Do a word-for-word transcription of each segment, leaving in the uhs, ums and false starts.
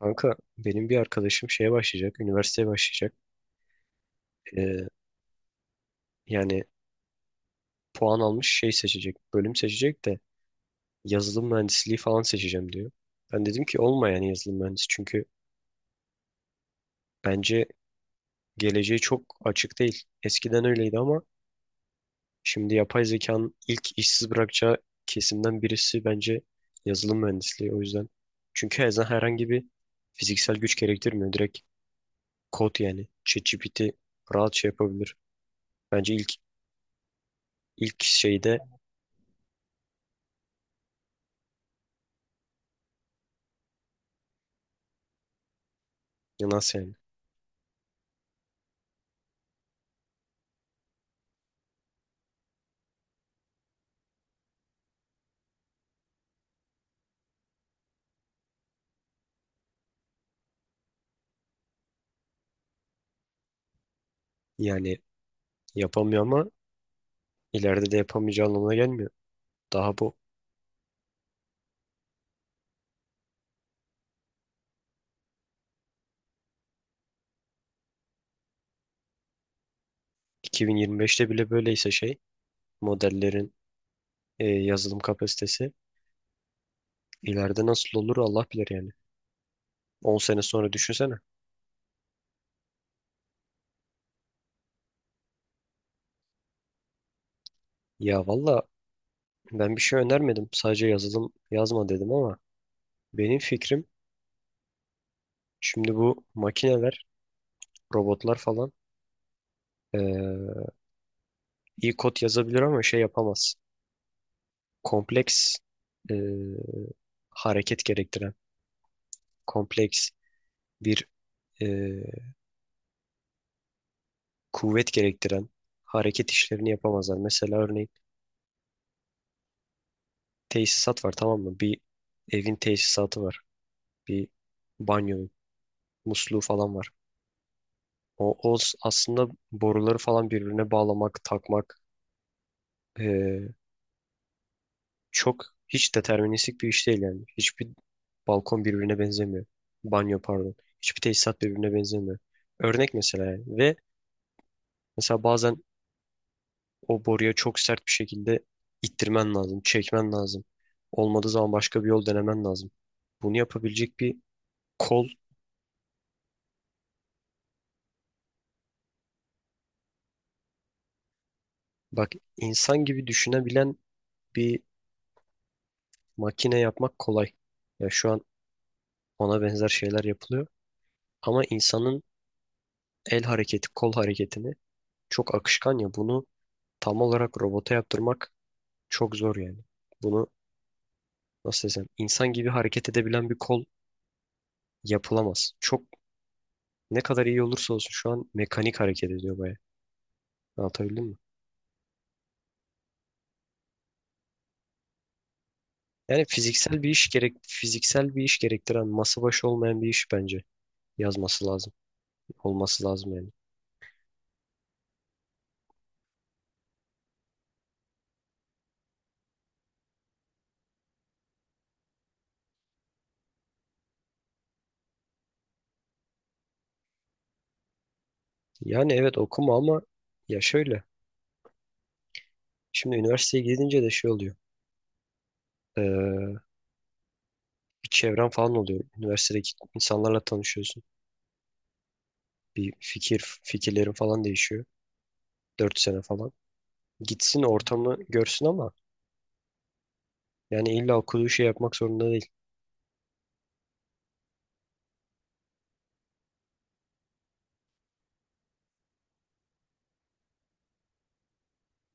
Kanka benim bir arkadaşım şeye başlayacak, üniversiteye başlayacak. Ee, Yani puan almış şey seçecek, bölüm seçecek de yazılım mühendisliği falan seçeceğim diyor. Ben dedim ki olma yani yazılım mühendisi, çünkü bence geleceği çok açık değil. Eskiden öyleydi ama şimdi yapay zekanın ilk işsiz bırakacağı kesimden birisi bence yazılım mühendisliği, o yüzden. Çünkü her zaman herhangi bir fiziksel güç gerektirmiyor. Direkt kod yani. ChatGPT rahat şey yapabilir. Bence ilk ilk şeyde. Ya, nasıl yani? Yani yapamıyor ama ileride de yapamayacağı anlamına gelmiyor. Daha bu iki bin yirmi beşte bile böyleyse şey modellerin e, yazılım kapasitesi ileride nasıl olur Allah bilir yani. on sene sonra düşünsene. Ya valla ben bir şey önermedim. Sadece yazılım yazma dedim ama benim fikrim, şimdi bu makineler, robotlar falan, e, iyi kod yazabilir ama şey yapamaz. Kompleks, e, hareket gerektiren, kompleks bir e, kuvvet gerektiren hareket işlerini yapamazlar. Mesela örneğin tesisat var, tamam mı? Bir evin tesisatı var. Bir banyonun musluğu falan var. O, o s- aslında boruları falan birbirine bağlamak, takmak, eee, çok, hiç deterministik bir iş değil yani. Hiçbir balkon birbirine benzemiyor. Banyo, pardon. Hiçbir tesisat birbirine benzemiyor. Örnek mesela yani. Ve mesela bazen o boruya çok sert bir şekilde ittirmen lazım, çekmen lazım. Olmadığı zaman başka bir yol denemen lazım. Bunu yapabilecek bir kol, bak, insan gibi düşünebilen bir makine yapmak kolay. Ya şu an ona benzer şeyler yapılıyor. Ama insanın el hareketi, kol hareketini çok akışkan, ya bunu tam olarak robota yaptırmak çok zor yani. Bunu nasıl desem, insan gibi hareket edebilen bir kol yapılamaz. Çok, ne kadar iyi olursa olsun, şu an mekanik hareket ediyor baya. Anlatabildim mi? Yani fiziksel bir iş gerek, fiziksel bir iş gerektiren, masa başı olmayan bir iş bence yazması lazım. Olması lazım yani. Yani evet, okuma ama ya şöyle. Şimdi üniversiteye gidince de şey oluyor. Ee, Bir çevren falan oluyor. Üniversitedeki insanlarla tanışıyorsun. Bir fikir, fikirlerin falan değişiyor. Dört sene falan. Gitsin ortamı görsün ama yani illa okuduğu şey yapmak zorunda değil.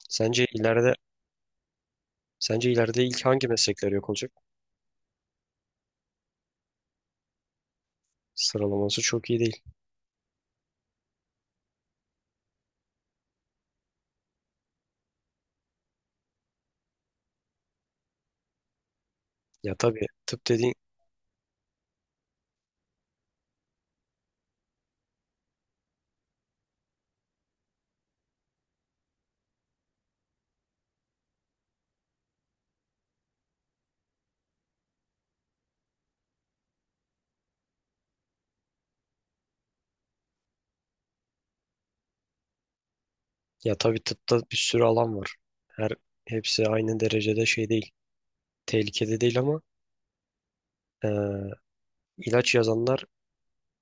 Sence ileride sence ileride ilk hangi meslekler yok olacak? Sıralaması çok iyi değil. Ya tabii tıp dediğin ya tabii tıpta bir sürü alan var. Her hepsi aynı derecede şey değil. Tehlikede değil ama ee, İlaç yazanlar,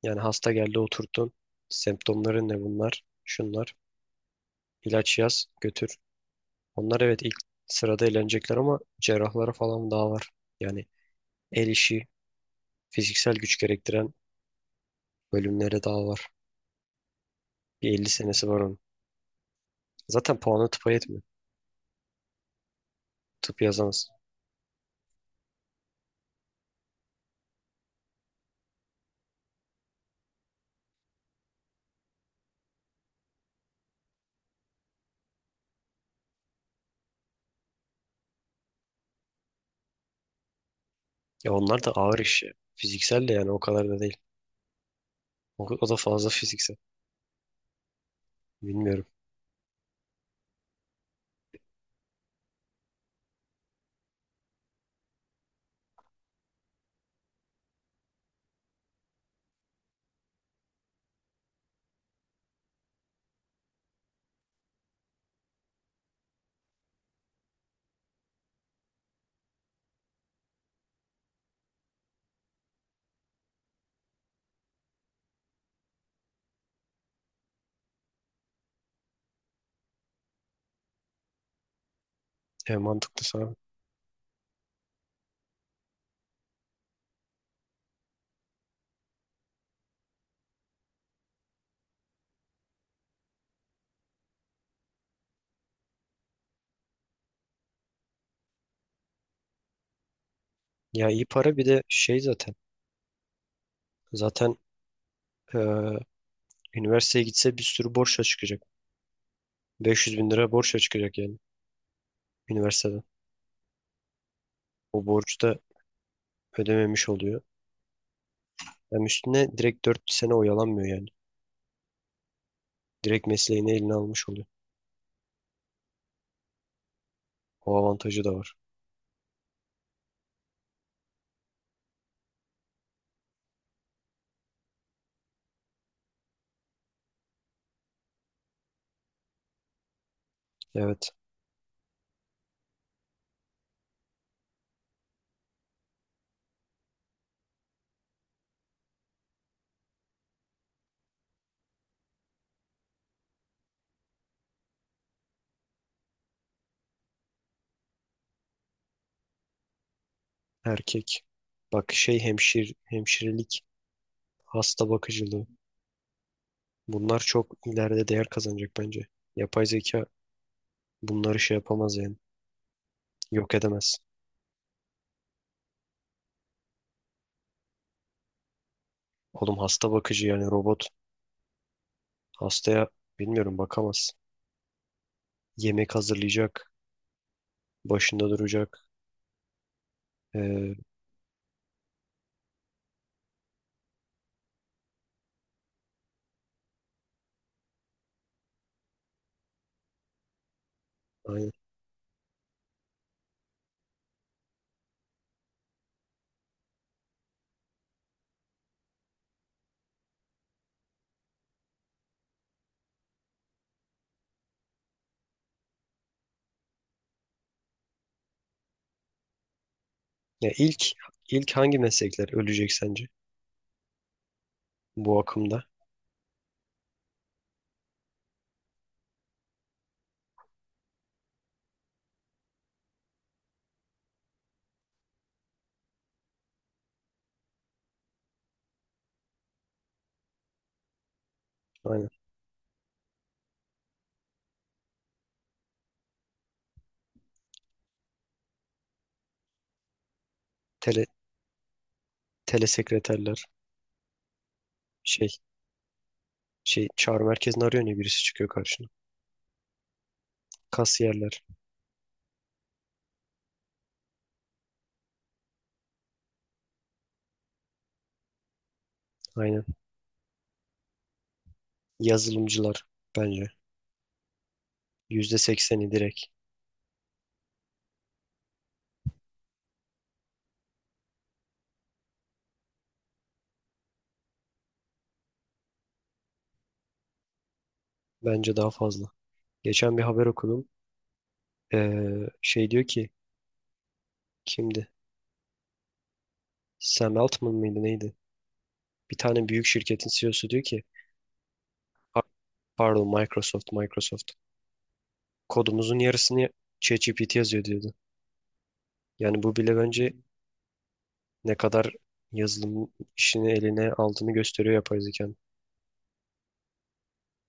yani hasta geldi oturdun. Semptomların ne, bunlar? Şunlar. İlaç yaz, götür. Onlar evet ilk sırada elenecekler ama cerrahlara falan daha var. Yani el işi, fiziksel güç gerektiren bölümlere daha var. Bir elli senesi var onun. Zaten puanı tıpa yetmiyor. Tıp yazamaz. Ya onlar da ağır iş ya. Fiziksel de yani o kadar da değil. O, o da fazla fiziksel. Bilmiyorum. E, mantıklı sana. Ya iyi para, bir de şey zaten. Zaten e, üniversiteye gitse bir sürü borçla çıkacak. beş yüz bin lira borç çıkacak yani üniversiteden. O borcu da ödememiş oluyor. Hem üstüne direkt dört sene oyalanmıyor yani. Direkt mesleğini eline almış oluyor. O avantajı da var. Evet. Erkek. Bak şey hemşir, hemşirelik, hasta bakıcılığı. Bunlar çok ileride değer kazanacak bence. Yapay zeka bunları şey yapamaz yani. Yok edemez. Oğlum hasta bakıcı yani robot. Hastaya bilmiyorum bakamaz. Yemek hazırlayacak. Başında duracak. Ee, Ya ilk ilk hangi meslekler ölecek sence bu akımda? Aynen. Tele telesekreterler, şey şey çağrı merkezini arıyor ya, birisi çıkıyor karşına. Kasiyerler, aynen. Yazılımcılar bence. Yüzde sekseni direkt. Bence daha fazla. Geçen bir haber okudum. Ee, Şey diyor ki, kimdi? Sam Altman mıydı neydi? Bir tane büyük şirketin C E O'su diyor ki: "Ha- pardon, Microsoft Microsoft kodumuzun yarısını ChatGPT yazıyor," diyordu. Yani bu bile bence ne kadar yazılım işini eline aldığını gösteriyor yapay zeka.